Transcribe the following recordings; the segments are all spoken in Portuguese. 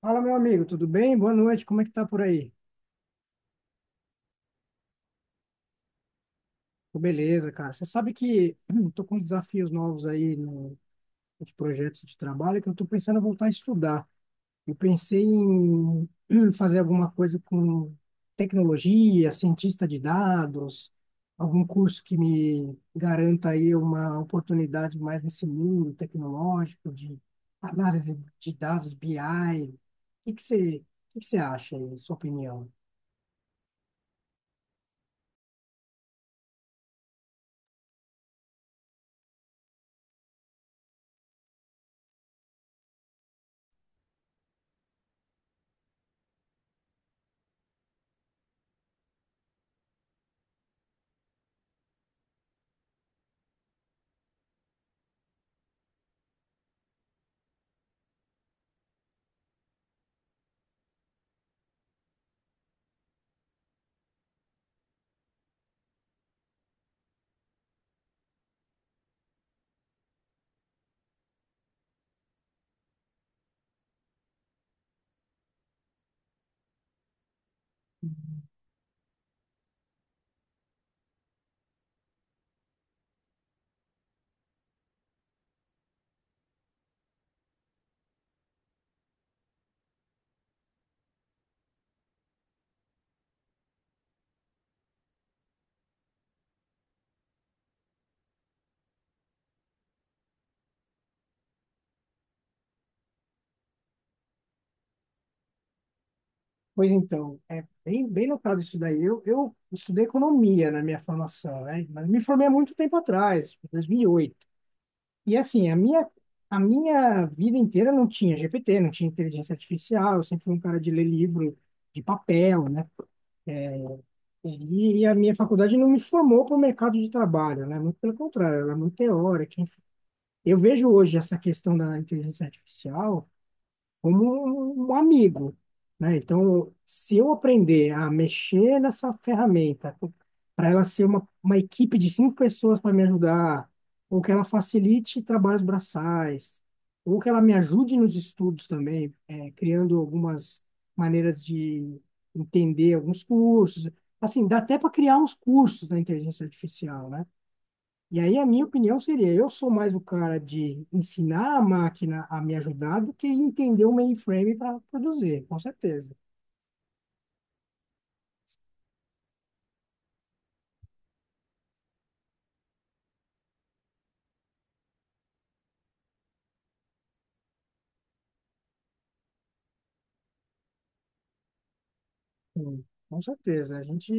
Fala, meu amigo, tudo bem? Boa noite, como é que tá por aí? Tô beleza, cara. Você sabe que eu tô com desafios novos aí nos projetos de trabalho que eu tô pensando em voltar a estudar. Eu pensei em fazer alguma coisa com tecnologia, cientista de dados, algum curso que me garanta aí uma oportunidade mais nesse mundo tecnológico de análise de dados, BI. O o que que você acha aí, sua opinião? Pois então, é bem, bem notado isso daí. Eu estudei economia na minha formação, né? Mas me formei há muito tempo atrás, em 2008, e assim, a minha vida inteira não tinha GPT, não tinha inteligência artificial, eu sempre fui um cara de ler livro de papel, né? E a minha faculdade não me formou para o mercado de trabalho, né? Muito pelo contrário, ela é muito teórica, enfim. Eu vejo hoje essa questão da inteligência artificial como um amigo, né? Então, se eu aprender a mexer nessa ferramenta, para ela ser uma equipe de cinco pessoas para me ajudar, ou que ela facilite trabalhos braçais, ou que ela me ajude nos estudos também, criando algumas maneiras de entender alguns cursos. Assim, dá até para criar uns cursos na inteligência artificial, né? E aí a minha opinião seria: eu sou mais o cara de ensinar a máquina a me ajudar do que entender o mainframe para produzir, com certeza. Hum. Com certeza. A gente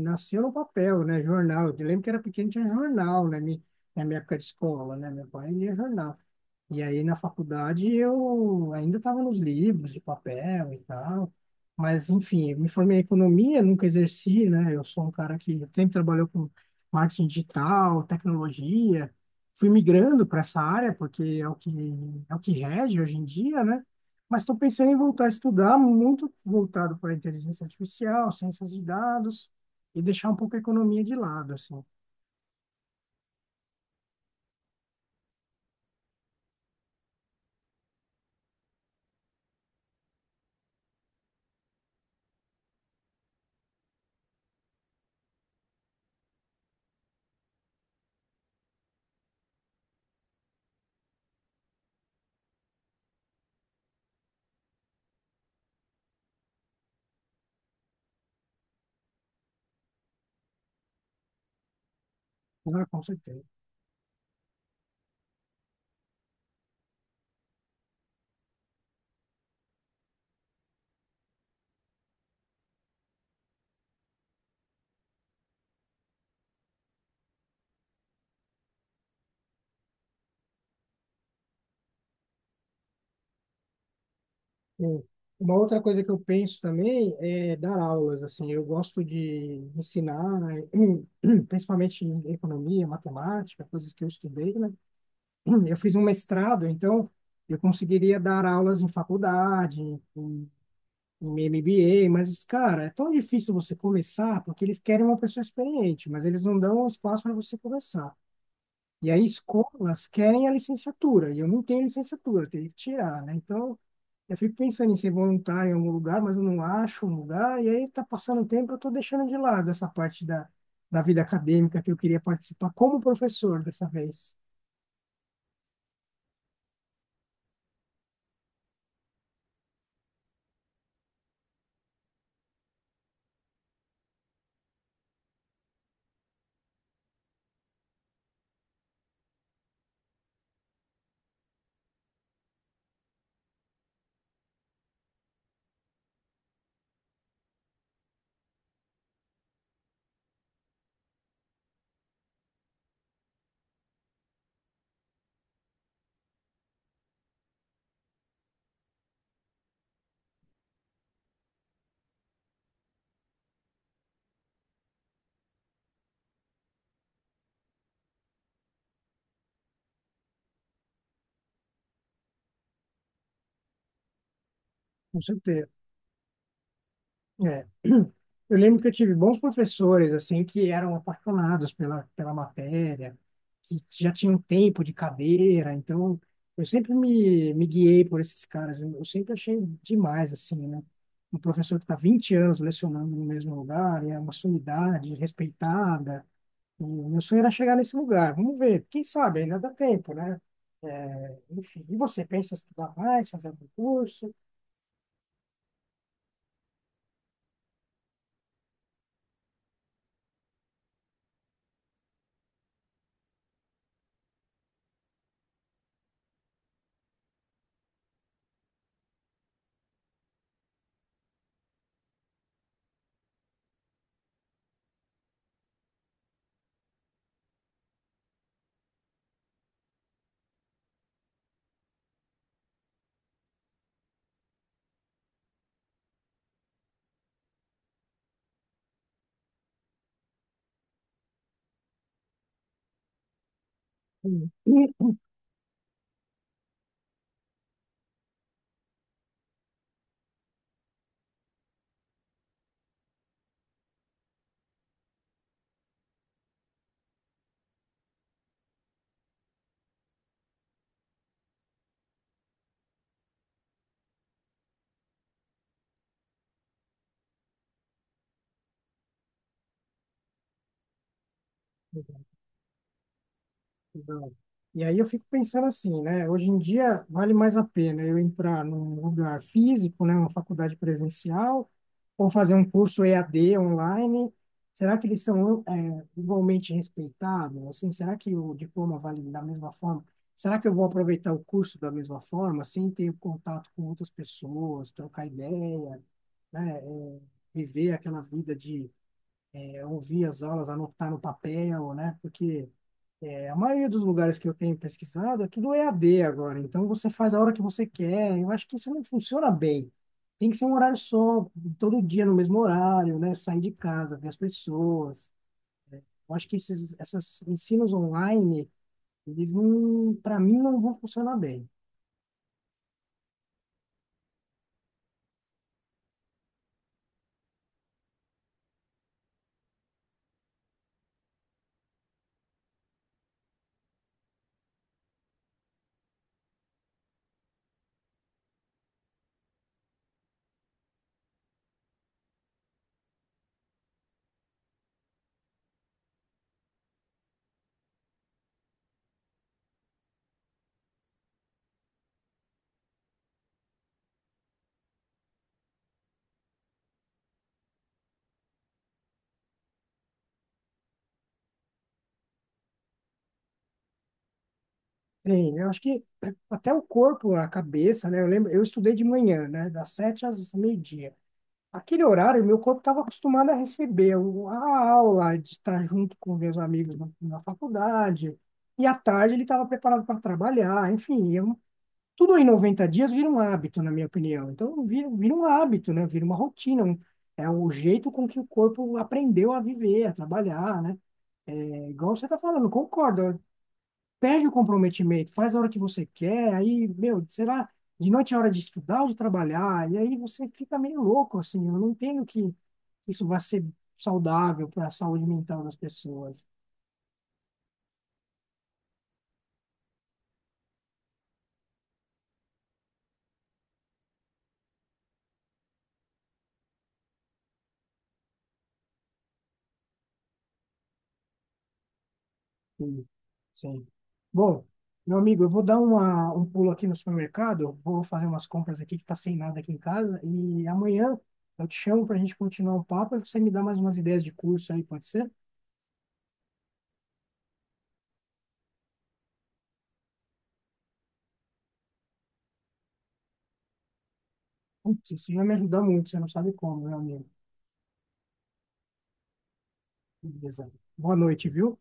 nasceu no papel, né? Jornal. Eu lembro que era pequeno, tinha jornal, né? Na minha época de escola, né? Meu pai lia jornal. E aí na faculdade eu ainda estava nos livros de papel e tal, mas enfim, eu me formei em economia, nunca exerci, né? Eu sou um cara que sempre trabalhou com marketing digital, tecnologia, fui migrando para essa área porque é o que rege hoje em dia, né? Mas estou pensando em voltar a estudar, muito voltado para inteligência artificial, ciências de dados, e deixar um pouco a economia de lado, assim. Ah, com certeza. Sim. Uma outra coisa que eu penso também é dar aulas, assim, eu gosto de ensinar, né, principalmente em economia, matemática, coisas que eu estudei, né? Eu fiz um mestrado, então eu conseguiria dar aulas em faculdade, em MBA, mas, cara, é tão difícil você começar, porque eles querem uma pessoa experiente, mas eles não dão espaço para você começar. E aí escolas querem a licenciatura, e eu não tenho licenciatura, eu teria que tirar, né? Então, eu fico pensando em ser voluntário em algum lugar, mas eu não acho um lugar, e aí tá passando o tempo, eu estou deixando de lado essa parte da vida acadêmica que eu queria participar como professor dessa vez, com certeza. É. Eu lembro que eu tive bons professores, assim, que eram apaixonados pela matéria, que já tinham um tempo de cadeira, então eu sempre me guiei por esses caras, eu sempre achei demais, assim, né? Um professor que está 20 anos lecionando no mesmo lugar, e é uma sumidade respeitada, e o meu sonho era chegar nesse lugar, vamos ver, quem sabe, ainda dá tempo, né? É, enfim, e você pensa em estudar mais, fazer algum curso? Hum. Exato. E aí eu fico pensando assim, né? Hoje em dia vale mais a pena eu entrar num lugar físico, né? Uma faculdade presencial, ou fazer um curso EAD online. Será que eles são igualmente respeitados? Assim, será que o diploma vale da mesma forma? Será que eu vou aproveitar o curso da mesma forma, sem ter contato com outras pessoas, trocar ideia, né? É, viver aquela vida de ouvir as aulas, anotar no papel, né? Porque a maioria dos lugares que eu tenho pesquisado é tudo EAD agora, então você faz a hora que você quer. Eu acho que isso não funciona bem. Tem que ser um horário só, todo dia no mesmo horário, né? Sair de casa, ver as pessoas. Eu acho que esses essas ensinos online, eles não, para mim, não vão funcionar bem. Tem, eu acho que até o corpo, a cabeça, né? Eu lembro, eu estudei de manhã, né? Das 7 às meio-dia. Aquele horário, meu corpo estava acostumado a receber a aula, de estar junto com meus amigos na faculdade, e à tarde ele estava preparado para trabalhar, enfim, eu, tudo em 90 dias vira um hábito, na minha opinião. Então, vira um hábito, né? Vira uma rotina, é o jeito com que o corpo aprendeu a viver, a trabalhar, né? É igual você está falando, concordo, perde o comprometimento, faz a hora que você quer, aí, meu, será, de noite é hora de estudar ou de trabalhar? E aí você fica meio louco, assim, eu não entendo que isso vai ser saudável para a saúde mental das pessoas. Sim. Sim. Bom, meu amigo, eu vou dar uma, um pulo aqui no supermercado, vou fazer umas compras aqui que tá sem nada aqui em casa, e amanhã eu te chamo para a gente continuar o papo e você me dá mais umas ideias de curso aí, pode ser? Putz, isso vai me ajudar muito, você não sabe como, meu amigo. Beleza. Boa noite, viu?